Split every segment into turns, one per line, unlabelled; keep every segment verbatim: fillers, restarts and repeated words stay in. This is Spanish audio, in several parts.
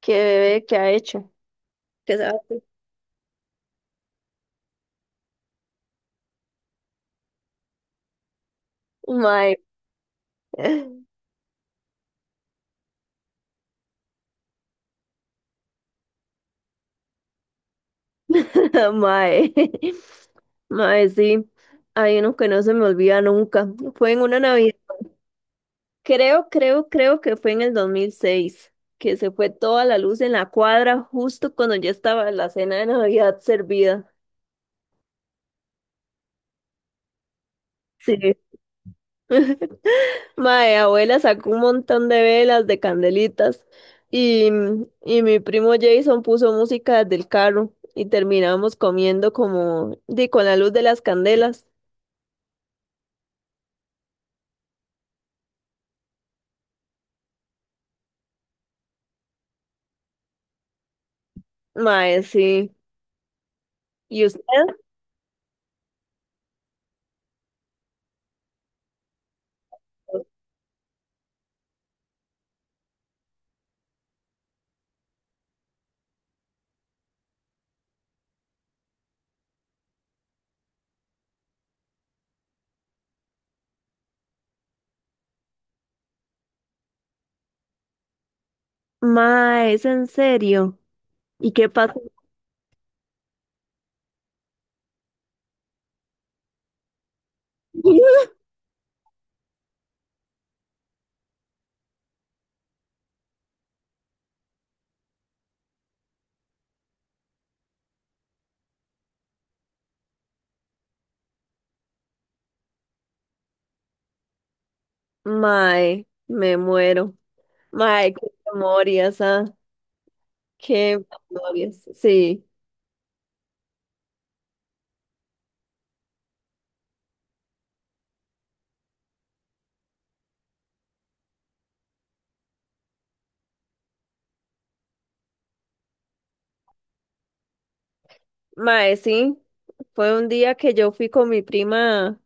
¿Qué bebé que ha hecho? ¿Qué sabe? Mae. Mae. Mae, sí. Hay uno que no se me olvida nunca. Fue en una Navidad. Creo, creo, creo que fue en el dos mil seis, que se fue toda la luz en la cuadra justo cuando ya estaba la cena de Navidad servida. Sí. Mae, abuela sacó un montón de velas, de candelitas y, y mi primo Jason puso música del carro y terminamos comiendo como di con la luz de las candelas. Mae, sí. ¿Y usted? Mae, ¿es en serio? ¿Y qué pasó? Mae, me muero. Mae, qué memorias, ah, qué memorias. Sí, mae, sí. Fue un día que yo fui con mi prima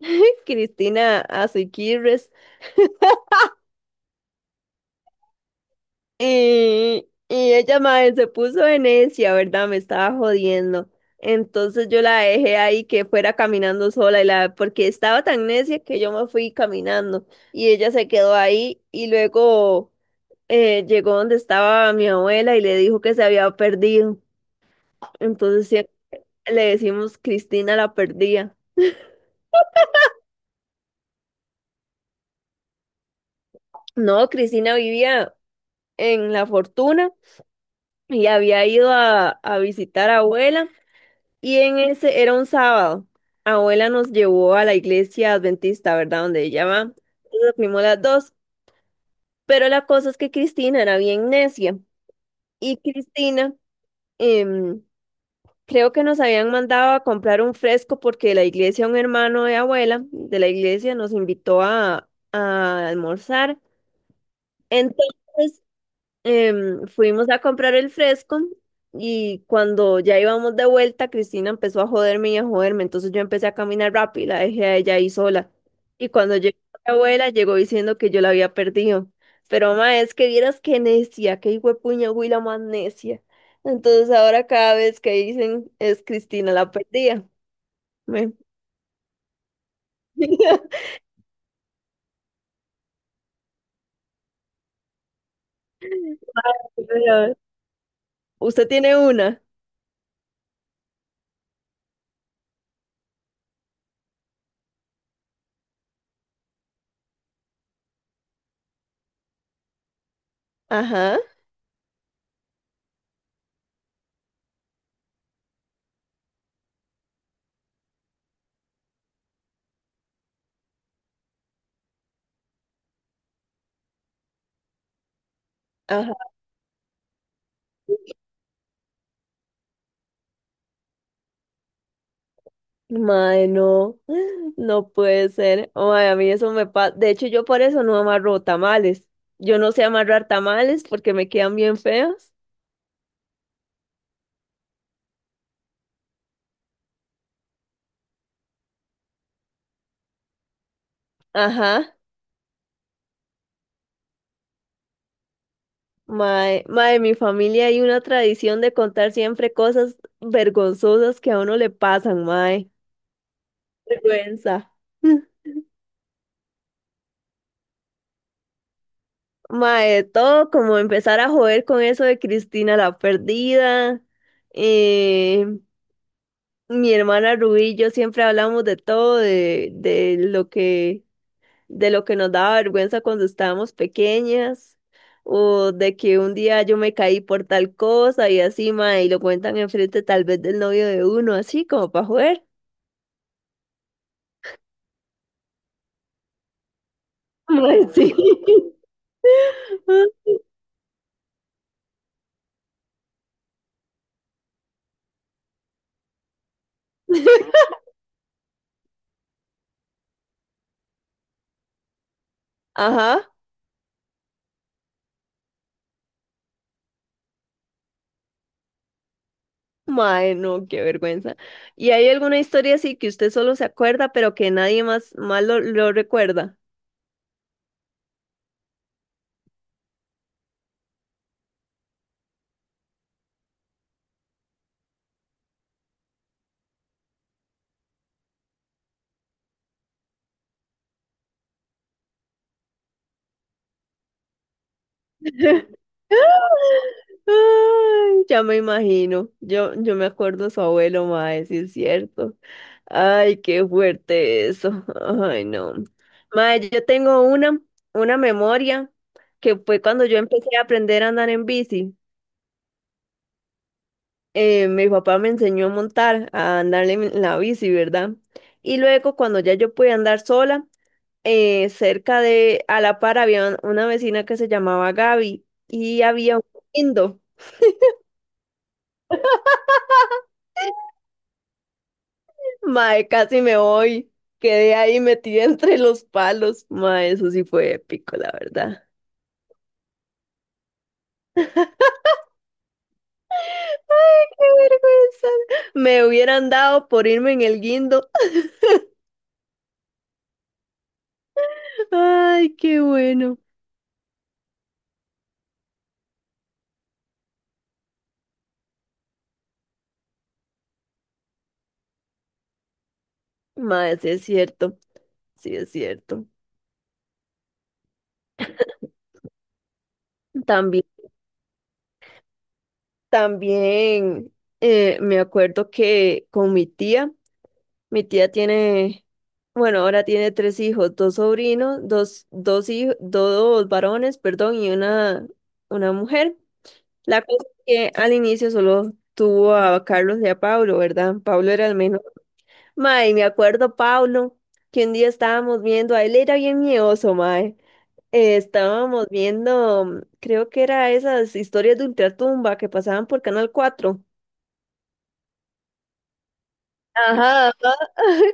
Cristina a Siquirres. Y, y ella mae, se puso de necia, ¿verdad? Me estaba jodiendo. Entonces yo la dejé ahí que fuera caminando sola y la, porque estaba tan necia que yo me fui caminando y ella se quedó ahí y luego eh, llegó donde estaba mi abuela y le dijo que se había perdido. Entonces sí, le decimos Cristina la perdía. No, Cristina vivía en La Fortuna y había ido a, a visitar a abuela. Y en ese era un sábado. Abuela nos llevó a la iglesia adventista, ¿verdad? Donde ella va. Entonces fuimos las dos. Pero la cosa es que Cristina era bien necia. Y Cristina, em, creo que nos habían mandado a comprar un fresco porque la iglesia, un hermano de abuela de la iglesia, nos invitó a, a almorzar. Entonces em, fuimos a comprar el fresco y cuando ya íbamos de vuelta, Cristina empezó a joderme y a joderme, entonces yo empecé a caminar rápido, y la dejé a ella ahí sola. Y cuando llegó mi abuela, llegó diciendo que yo la había perdido. Pero ma, es que vieras qué necia, qué hijuepuña güila más necia. Entonces ahora cada vez que dicen es Cristina la perdía. Me- Pero, ¿usted tiene una? Ajá, ajá. Mae, no, no puede ser. Mae, a mí eso me pasa. De hecho, yo por eso no amarro tamales. Yo no sé amarrar tamales porque me quedan bien feos. Ajá. Mae, mae, en mi familia hay una tradición de contar siempre cosas vergonzosas que a uno le pasan, mae. Vergüenza. Mm. Mae, todo como empezar a joder con eso de Cristina la perdida. Eh, mi hermana Rubí y yo siempre hablamos de todo, de, de lo que de lo que nos daba vergüenza cuando estábamos pequeñas, o de que un día yo me caí por tal cosa y así, mae, y lo cuentan enfrente tal vez del novio de uno, así como para joder. Mae, sí. Ajá, mae, no, qué vergüenza. ¿Y hay alguna historia así que usted solo se acuerda, pero que nadie más, más, lo, lo recuerda? Ay, ya me imagino. Yo, yo me acuerdo de su abuelo, mae, sí es cierto. Ay, qué fuerte eso. Ay, no. Mae, yo tengo una, una memoria que fue cuando yo empecé a aprender a andar en bici. Eh, mi papá me enseñó a montar, a andar en en la bici, ¿verdad? Y luego cuando ya yo pude andar sola, eh, cerca de, a la par había una vecina que se llamaba Gaby y había un lindo. Mae, casi me voy. Quedé ahí metida entre los palos. Mae, eso sí fue épico, la verdad. ¡Qué vergüenza! Me hubieran dado por irme en el guindo. ¡Ay, qué bueno! Mae, sí es cierto, sí es cierto. También, también eh, me acuerdo que con mi tía, mi tía tiene, bueno, ahora tiene tres hijos, dos sobrinos, dos, dos hijos, dos varones, perdón, y una, una mujer. La cosa es que al inicio solo tuvo a Carlos y a Pablo, ¿verdad? Pablo era el menor. Mae, me acuerdo, Paulo, que un día estábamos viendo, a él era bien miedoso, mae. Eh, estábamos viendo, mm, creo que era esas historias de ultratumba que pasaban por Canal Cuatro. Ajá, ajá.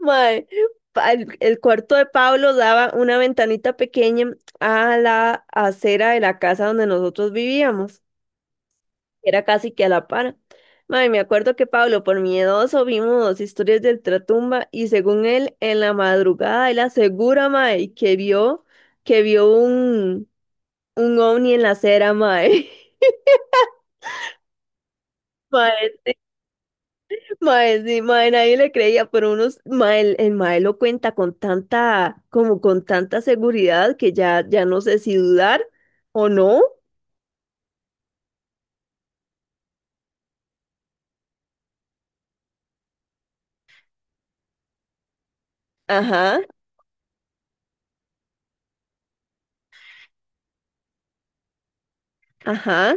Mae, pa- el, el cuarto de Pablo daba una ventanita pequeña a la acera de la casa donde nosotros vivíamos. Era casi que a la par. Mae, me acuerdo que Pablo, por miedoso, vimos historias del Tratumba y según él, en la madrugada, él asegura, mae, que vio, que vio un, un ovni en la acera, mae. Mae, mae, sí, mae, nadie le creía, pero unos, mae, el, el mae lo cuenta con tanta, como con tanta seguridad que ya, ya no sé si dudar o no. Ajá, ajá.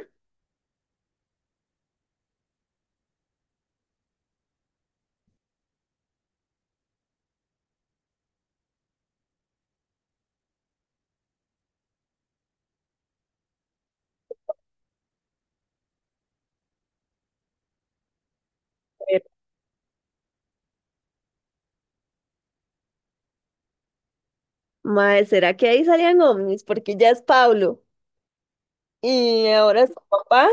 Mae, ¿será que ahí salían ovnis? Porque ya es Pablo. Y ahora su papá,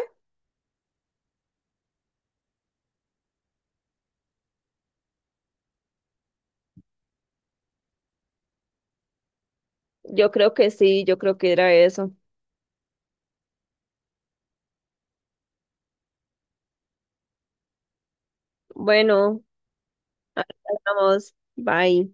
yo creo que sí, yo creo que era eso. Bueno, vamos, bye.